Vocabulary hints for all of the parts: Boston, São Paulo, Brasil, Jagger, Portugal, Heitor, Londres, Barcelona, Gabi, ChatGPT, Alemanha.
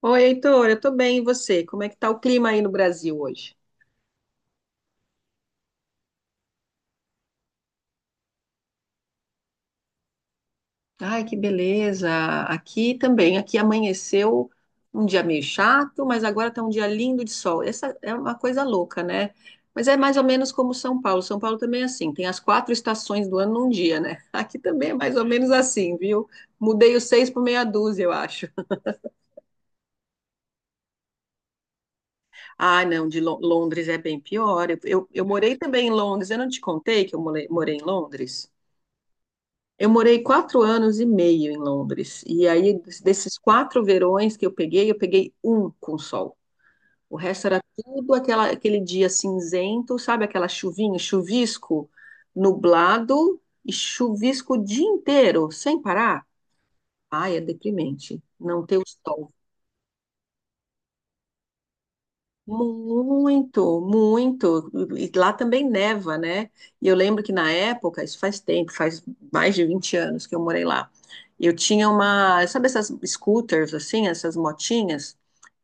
Oi, Heitor, eu tô bem, e você? Como é que tá o clima aí no Brasil hoje? Ai, que beleza! Aqui também, aqui amanheceu um dia meio chato, mas agora tá um dia lindo de sol. Essa é uma coisa louca, né? Mas é mais ou menos como São Paulo. São Paulo também é assim, tem as quatro estações do ano num dia, né? Aqui também é mais ou menos assim, viu? Mudei os seis por meia dúzia, eu acho. Ah, não, de Londres é bem pior. Eu morei também em Londres. Eu não te contei que eu morei em Londres? Eu morei 4 anos e meio em Londres. E aí, desses quatro verões que eu peguei um com sol. O resto era tudo aquele dia cinzento, sabe? Aquela chuvinha, chuvisco, nublado e chuvisco o dia inteiro, sem parar. Ai, é deprimente não ter o sol. Muito, muito. E lá também neva, né? E eu lembro que na época, isso faz tempo, faz mais de 20 anos que eu morei lá. Eu tinha uma, sabe essas scooters assim, essas motinhas?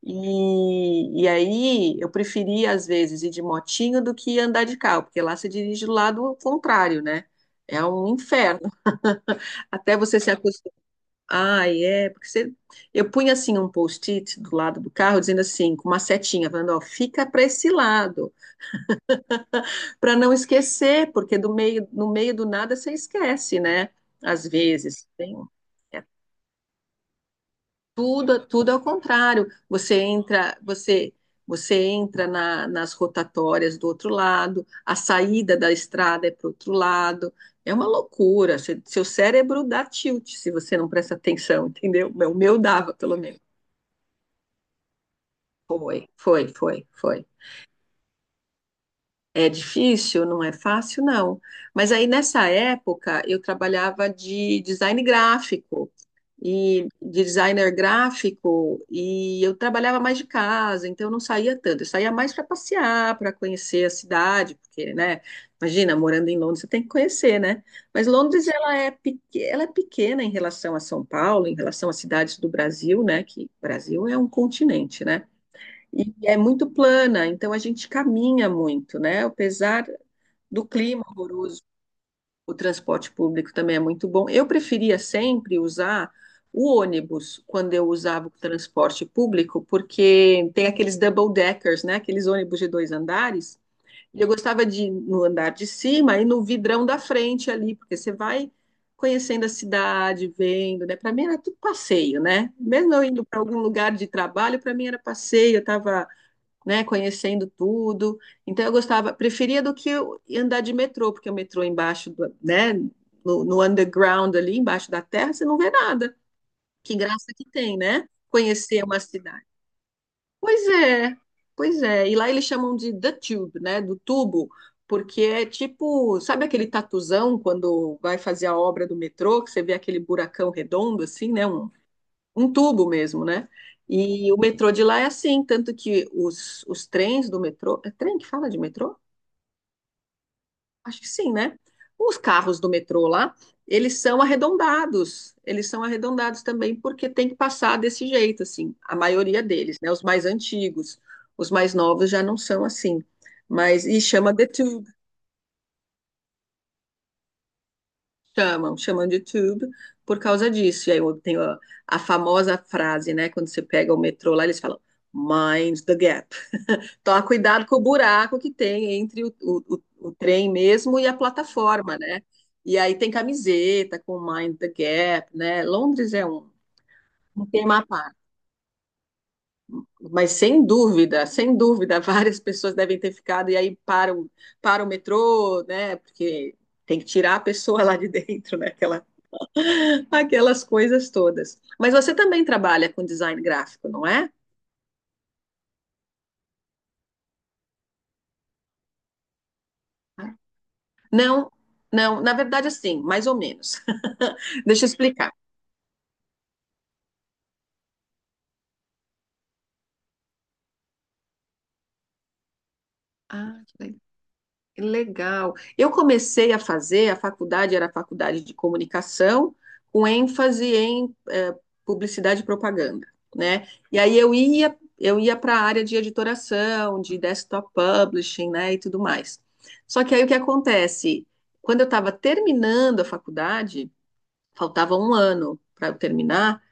E aí eu preferia às vezes ir de motinho do que andar de carro, porque lá você dirige do lado contrário, né? É um inferno. Até você se acostumar. Ah, é, eu punha assim um post-it do lado do carro, dizendo assim, com uma setinha, falando, ó, fica para esse lado, para não esquecer, porque do meio, no meio do nada você esquece, né? Às vezes, é tudo, tudo ao contrário. Você entra, você entra nas rotatórias do outro lado, a saída da estrada é para o outro lado. É uma loucura. Seu cérebro dá tilt se você não presta atenção, entendeu? O meu dava, pelo menos. Foi, foi, foi, foi. É difícil, não é fácil, não. Mas aí nessa época eu trabalhava de design gráfico e designer gráfico e eu trabalhava mais de casa, então eu não saía tanto. Eu saía mais para passear, para conhecer a cidade, porque, né? Imagina, morando em Londres, você tem que conhecer, né? Mas Londres ela é pequena em relação a São Paulo, em relação às cidades do Brasil, né? Que o Brasil é um continente, né? E é muito plana, então a gente caminha muito, né? Apesar do clima horroroso, o transporte público também é muito bom. Eu preferia sempre usar o ônibus quando eu usava o transporte público, porque tem aqueles double deckers, né? Aqueles ônibus de dois andares. E eu gostava de ir no andar de cima e no vidrão da frente ali, porque você vai conhecendo a cidade, vendo, né? Para mim era tudo passeio, né? Mesmo eu indo para algum lugar de trabalho, para mim era passeio, eu estava né, conhecendo tudo. Então eu gostava, preferia do que eu andar de metrô, porque o metrô embaixo, né, no underground ali, embaixo da terra, você não vê nada. Que graça que tem, né? Conhecer uma cidade. Pois é, pois é. E lá eles chamam de the tube, né, do tubo, porque é tipo, sabe aquele tatuzão quando vai fazer a obra do metrô, que você vê aquele buracão redondo assim, né, um tubo mesmo, né? E o metrô de lá é assim, tanto que os trens do metrô, é trem que fala de metrô? Acho que sim, né? Os carros do metrô lá, eles são arredondados também porque tem que passar desse jeito, assim, a maioria deles, né? Os mais antigos, os mais novos já não são assim, mas, e chama The Tube, chamam de Tube por causa disso, e aí eu tenho a famosa frase, né, quando você pega o metrô lá, eles falam, Mind the gap. Tomar cuidado com o buraco que tem entre o trem mesmo e a plataforma, né? E aí tem camiseta com Mind the Gap, né? Londres é um tema à parte. Mas sem dúvida, sem dúvida, várias pessoas devem ter ficado e aí para o metrô, né? Porque tem que tirar a pessoa lá de dentro, né? Aquela, aquelas coisas todas. Mas você também trabalha com design gráfico, não é? Não, não, na verdade, assim, mais ou menos. Deixa eu explicar. Ah, que legal. Legal. Eu comecei a fazer, a faculdade era a faculdade de comunicação, com ênfase em publicidade e propaganda, né? E aí eu ia para a área de editoração, de desktop publishing, né, e tudo mais. Só que aí o que acontece? Quando eu estava terminando a faculdade, faltava um ano para eu terminar,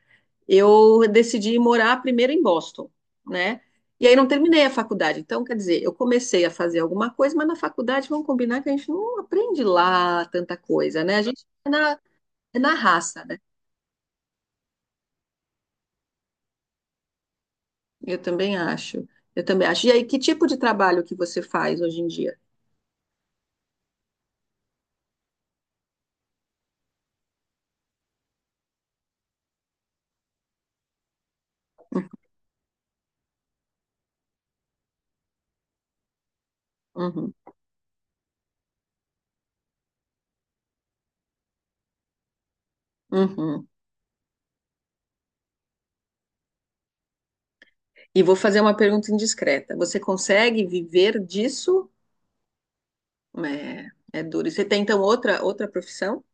eu decidi morar primeiro em Boston, né? E aí não terminei a faculdade. Então, quer dizer, eu comecei a fazer alguma coisa, mas na faculdade vamos combinar que a gente não aprende lá tanta coisa, né? A gente é na raça, né? Eu também acho. Eu também acho. E aí, que tipo de trabalho que você faz hoje em dia? Uhum, uhum. E vou fazer uma pergunta indiscreta. Você consegue viver disso? É, é duro. E você tem então outra profissão?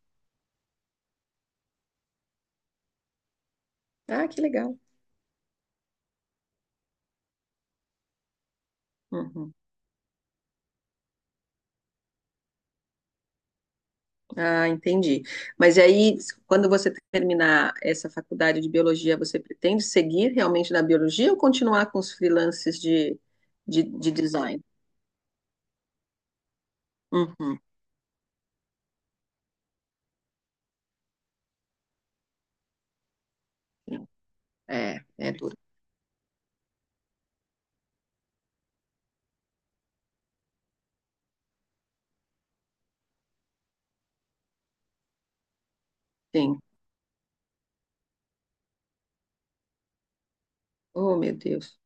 Ah, que legal. Uhum. Ah, entendi. Mas e aí, quando você terminar essa faculdade de biologia, você pretende seguir realmente na biologia ou continuar com os freelances de design? Uhum. É, é duro. Sim. Oh, meu Deus.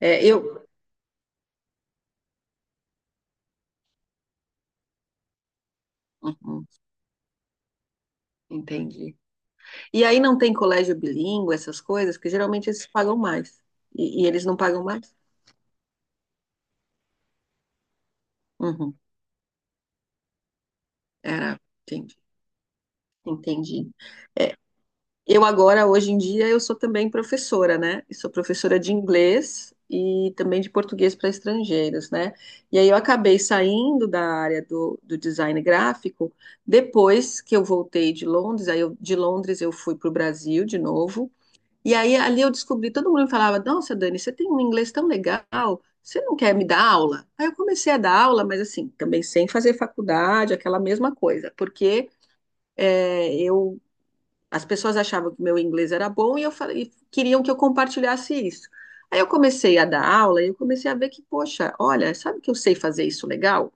É, eu. Uhum, entendi. E aí não tem colégio bilíngue, essas coisas, porque geralmente eles pagam mais. E eles não pagam mais? Uhum. Era, entendi. Entendi. Eu agora, hoje em dia, eu sou também professora, né? Eu sou professora de inglês e também de português para estrangeiros, né? E aí eu acabei saindo da área do design gráfico depois que eu voltei de Londres. De Londres eu fui para o Brasil de novo. E aí ali eu descobri, todo mundo me falava, nossa, Dani, você tem um inglês tão legal, você não quer me dar aula? Aí eu comecei a dar aula, mas assim, também sem fazer faculdade, aquela mesma coisa, porque é, eu as pessoas achavam que meu inglês era bom e queriam que eu compartilhasse isso. Aí eu comecei a dar aula e eu comecei a ver que, poxa, olha, sabe que eu sei fazer isso legal?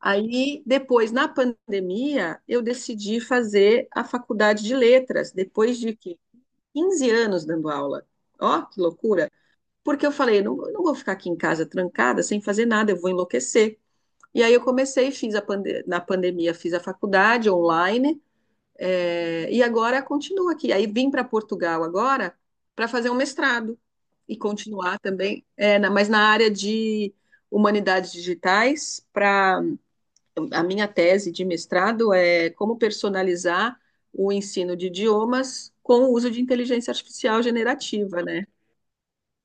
Aí, depois, na pandemia, eu decidi fazer a faculdade de letras, depois de que 15 anos dando aula. Ó, que loucura! Porque eu falei, não, eu não vou ficar aqui em casa trancada, sem fazer nada, eu vou enlouquecer. E aí eu comecei, fiz a na pandemia, fiz a faculdade online, e agora continua aqui. Aí vim para Portugal agora para fazer um mestrado e continuar também, mas na área de humanidades digitais, para a minha tese de mestrado é como personalizar o ensino de idiomas com o uso de inteligência artificial generativa, né?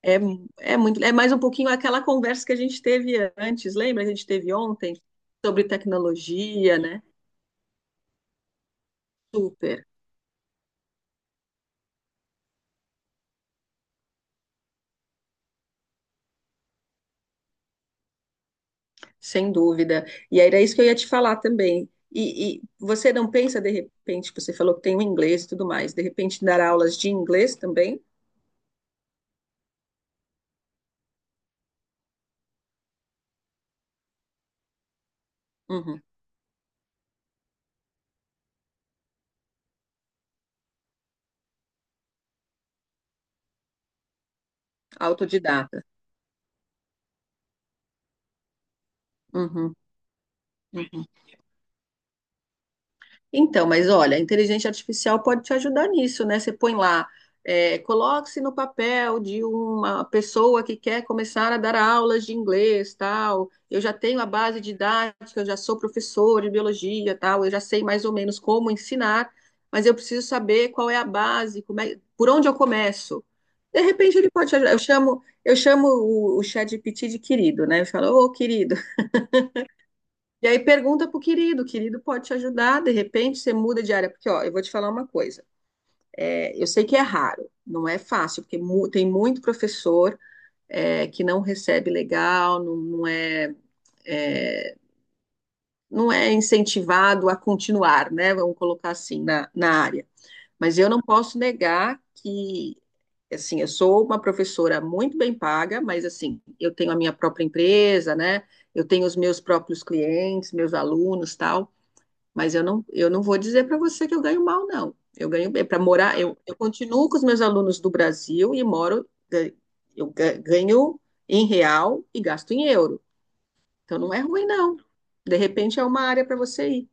É, é muito, é mais um pouquinho aquela conversa que a gente teve antes, lembra? A gente teve ontem sobre tecnologia, né? Super. Sem dúvida. E era isso que eu ia te falar também. E você não pensa, de repente, você falou que tem o inglês e tudo mais, de repente dar aulas de inglês também? Uhum. Autodidata. Uhum. Uhum. Então, mas olha, a inteligência artificial pode te ajudar nisso, né? Você põe lá, coloque-se no papel de uma pessoa que quer começar a dar aulas de inglês, tal. Eu já tenho a base didática, eu já sou professor de biologia, tal. Eu já sei mais ou menos como ensinar, mas eu preciso saber qual é a base, por onde eu começo. De repente ele pode te ajudar. Eu chamo o ChatGPT de querido, né? Eu falo, ô, querido. E aí pergunta pro querido, o querido pode te ajudar, de repente você muda de área, porque ó, eu vou te falar uma coisa, eu sei que é raro, não é fácil, porque tem muito professor que não recebe legal, não, não é, é, não é incentivado a continuar, né? Vamos colocar assim na área. Mas eu não posso negar que assim, eu sou uma professora muito bem paga, mas assim, eu tenho a minha própria empresa, né? Eu tenho os meus próprios clientes, meus alunos, tal. Mas eu não vou dizer para você que eu ganho mal, não. Eu ganho bem. Para morar, eu continuo com os meus alunos do Brasil e moro, ganho em real e gasto em euro. Então não é ruim, não. De repente é uma área para você ir.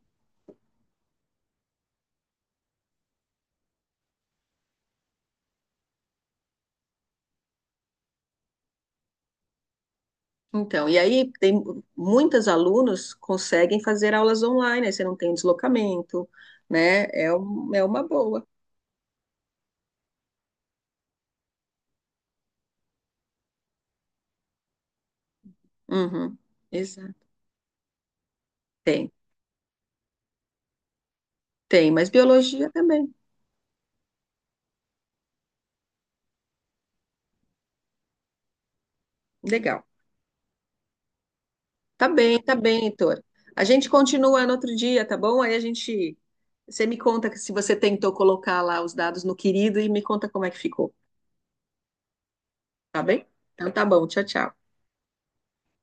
Então, e aí tem muitas alunos conseguem fazer aulas online, aí você não tem deslocamento, né? É, uma boa. Uhum. Exato. Tem, tem, mas biologia também. Legal. Tá bem, Heitor. A gente continua no outro dia, tá bom? Aí a gente. Você me conta que se você tentou colocar lá os dados no querido e me conta como é que ficou, tá bem? Então tá bom, tchau, tchau.